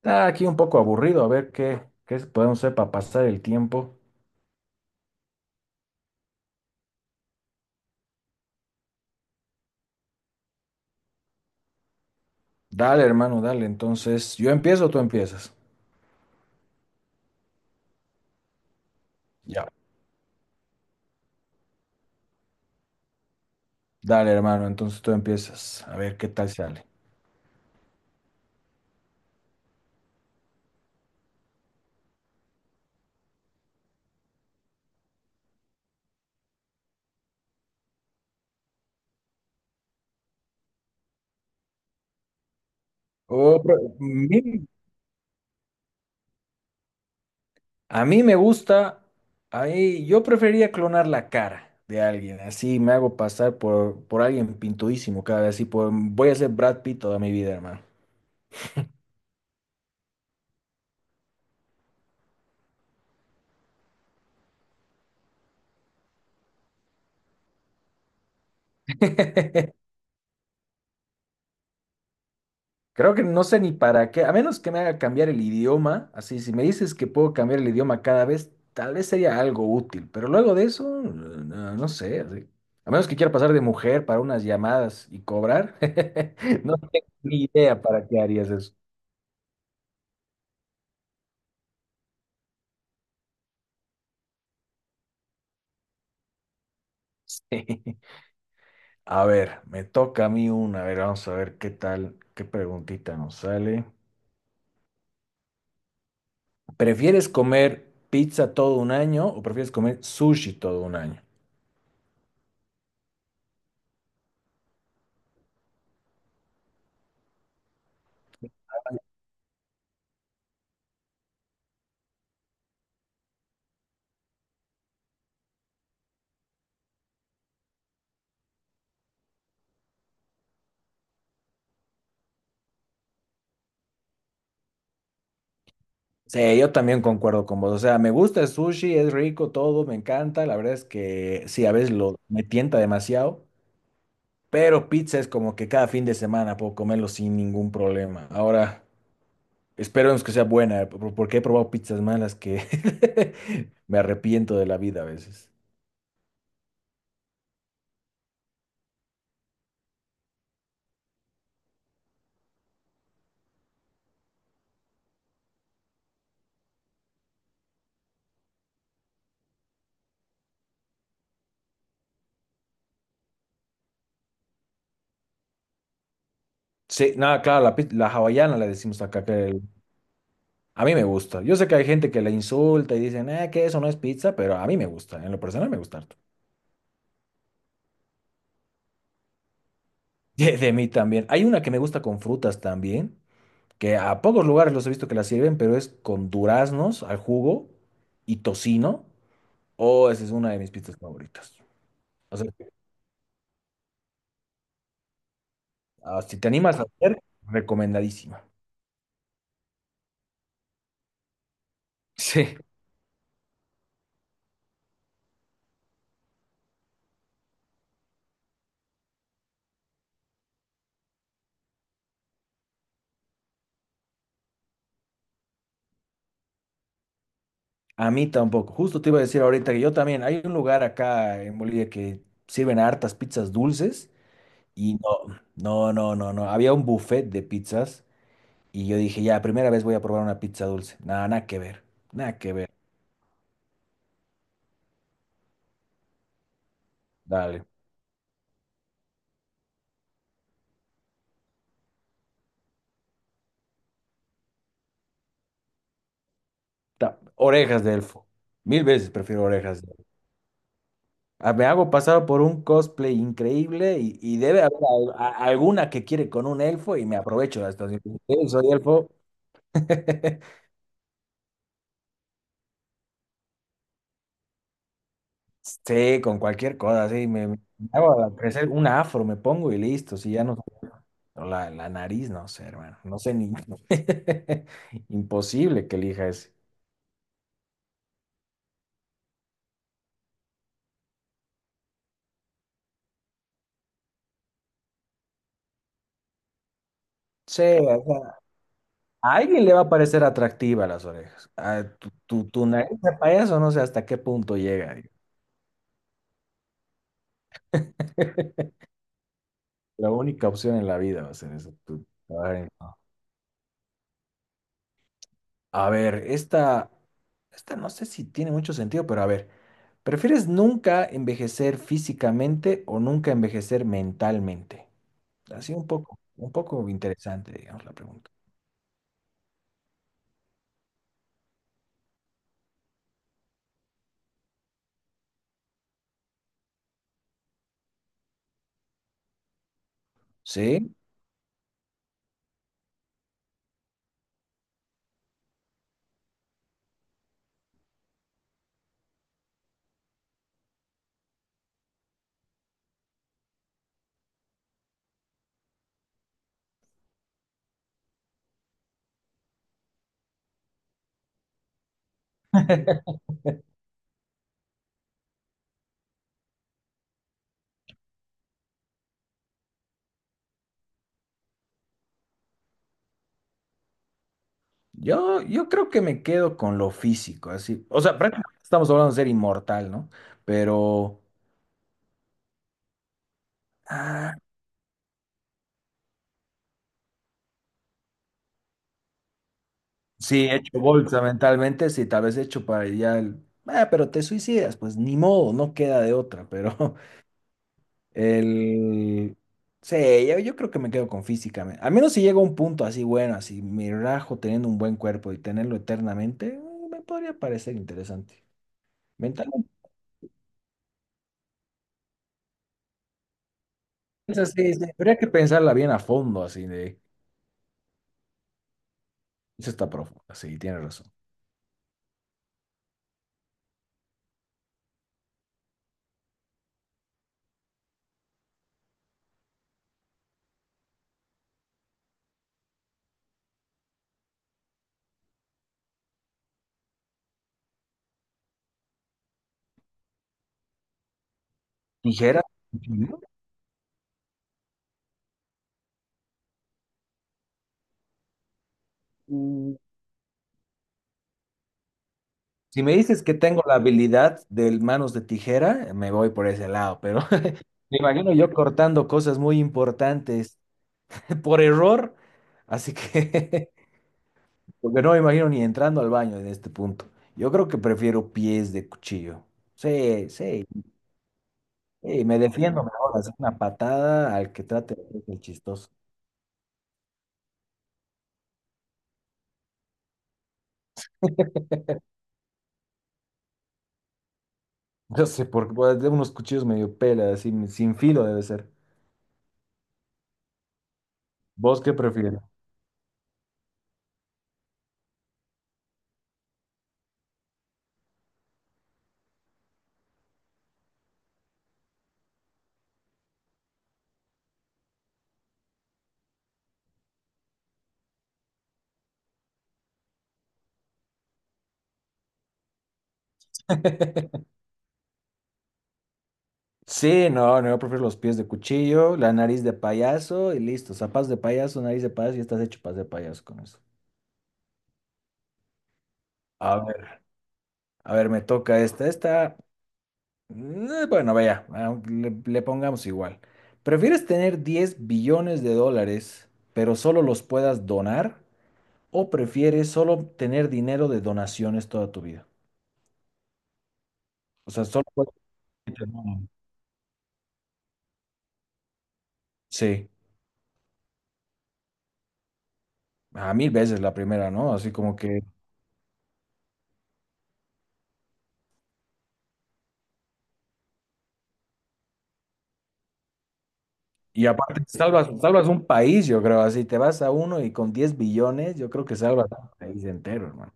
Está aquí un poco aburrido, a ver qué podemos hacer para pasar el tiempo. Dale, hermano, dale. Entonces, ¿yo empiezo o tú empiezas? Ya. Dale, hermano, entonces tú empiezas. A ver qué tal sale. Oh, a mí me gusta, ahí, yo prefería clonar la cara de alguien, así me hago pasar por alguien pintudísimo cada vez, así por, voy a ser Brad Pitt toda mi vida, hermano. Creo que no sé ni para qué, a menos que me haga cambiar el idioma, así si me dices que puedo cambiar el idioma cada vez, tal vez sería algo útil, pero luego de eso, no, no sé, así. A menos que quiera pasar de mujer para unas llamadas y cobrar, no tengo ni idea para qué harías eso. A ver, me toca a mí una, a ver, vamos a ver qué tal, qué preguntita nos sale. ¿Prefieres comer pizza todo un año o prefieres comer sushi todo un año? Sí, yo también concuerdo con vos. O sea, me gusta el sushi, es rico todo, me encanta. La verdad es que sí, a veces lo me tienta demasiado, pero pizza es como que cada fin de semana puedo comerlo sin ningún problema. Ahora, esperemos que sea buena, porque he probado pizzas malas que me arrepiento de la vida a veces. Sí, nada, claro, la hawaiana la decimos acá, a mí me gusta. Yo sé que hay gente que la insulta y dicen, que eso no es pizza, pero a mí me gusta, en lo personal me gusta harto. de mí también. Hay una que me gusta con frutas también que a pocos lugares los he visto que la sirven, pero es con duraznos al jugo y tocino. Oh, esa es una de mis pizzas favoritas. O sea, ah, si te animas a hacer, recomendadísima. Sí. A mí tampoco. Justo te iba a decir ahorita que yo también. Hay un lugar acá en Bolivia que sirven hartas pizzas dulces y no, no, no, no, no. Había un buffet de pizzas y yo dije, ya, primera vez voy a probar una pizza dulce. Nada, nada que ver. Nada que ver. Dale. Orejas de elfo. Mil veces prefiero orejas. Ah, me hago pasar por un cosplay increíble y debe haber alguna que quiere con un elfo y me aprovecho de esto. "Sí, soy elfo. Sí, con cualquier cosa, sí. Me hago a crecer un afro, me pongo y listo. Si ya no. O la nariz, no sé, hermano. No sé ni. Imposible que elija ese. Sí, o sea, a alguien le va a parecer atractiva las orejas. Ah, tu nariz de payaso, no sé hasta qué punto llega. La única opción en la vida va a ser eso. Ay, no. A ver, esta no sé si tiene mucho sentido, pero a ver, ¿prefieres nunca envejecer físicamente o nunca envejecer mentalmente? Así un poco interesante, digamos, la pregunta. Sí, yo creo que me quedo con lo físico, así. O sea, prácticamente estamos hablando de ser inmortal, ¿no? Pero, sí, hecho bolsa mentalmente, sí, tal vez hecho para ya el, "Ah, pero te suicidas, pues ni modo, no queda de otra, pero el, sí, yo creo que me quedo con físicamente, al menos si llega un punto así bueno, así me rajo teniendo un buen cuerpo y tenerlo eternamente, me podría parecer interesante. Mentalmente, es así, sí, habría que pensarla bien a fondo, así de, eso está profundo, sí, tienes razón. Tijera. Ujú. Mm, si me dices que tengo la habilidad de manos de tijera, me voy por ese lado, pero me imagino yo cortando cosas muy importantes por error, así que, porque no me imagino ni entrando al baño en este punto. Yo creo que prefiero pies de cuchillo. Sí, sí, sí, me defiendo mejor, hacer una patada al que trate de hacer el chistoso. No sé, porque pues, de unos cuchillos medio pela, así, sin filo debe ser. ¿Vos qué prefieres? Sí, no, no, yo prefiero los pies de cuchillo, la nariz de payaso y listo. Zapatos de payaso, nariz de payaso y estás hecho para ser payaso con eso. A ver. A ver, me toca esta. Esta, bueno, vaya, ah, le pongamos igual. ¿Prefieres tener 10 billones de dólares, pero solo los puedas donar? ¿O prefieres solo tener dinero de donaciones toda tu vida? O sea, solo puedes... que te donen. Sí, a mil veces la primera, ¿no? Así como que... Y aparte, salvas un país, yo creo, así te vas a uno y con 10 billones, yo creo que salvas un país entero, hermano.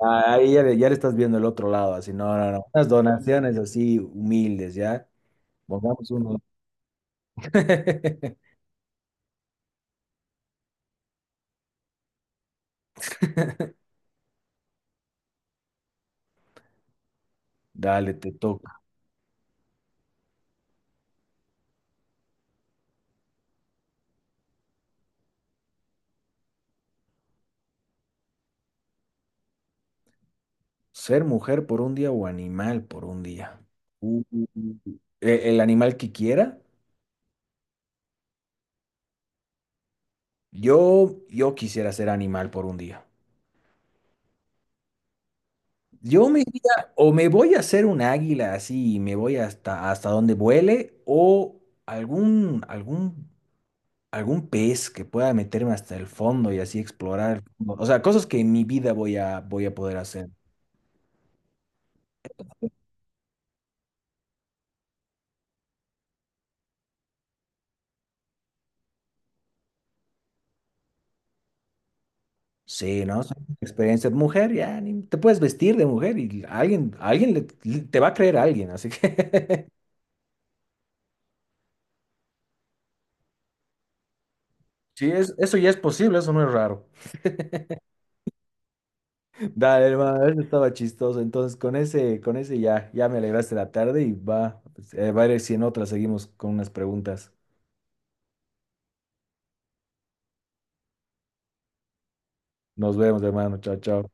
Ah, ahí ya ya le estás viendo el otro lado, así, no, no, no. Unas donaciones así humildes, ¿ya? Pongamos uno. Dale, te toca. Ser mujer por un día o animal por un día. Uh, uh, uh. ¿El animal que quiera? Yo quisiera ser animal por un día. Yo me iría, o me voy a hacer un águila así, y me voy hasta donde vuele, o algún algún pez que pueda meterme hasta el fondo y así explorar el fondo. O sea, cosas que en mi vida voy a poder hacer. Sí, ¿no? Son experiencias de mujer, te puedes vestir de mujer y alguien te va a creer a alguien, así que sí, es, eso ya es posible, eso no es raro. Dale, hermano, eso estaba chistoso. Entonces, con ese ya, ya me alegraste la tarde y va, pues, va a ver si en otra seguimos con unas preguntas. Nos vemos, hermano. Chao, chao.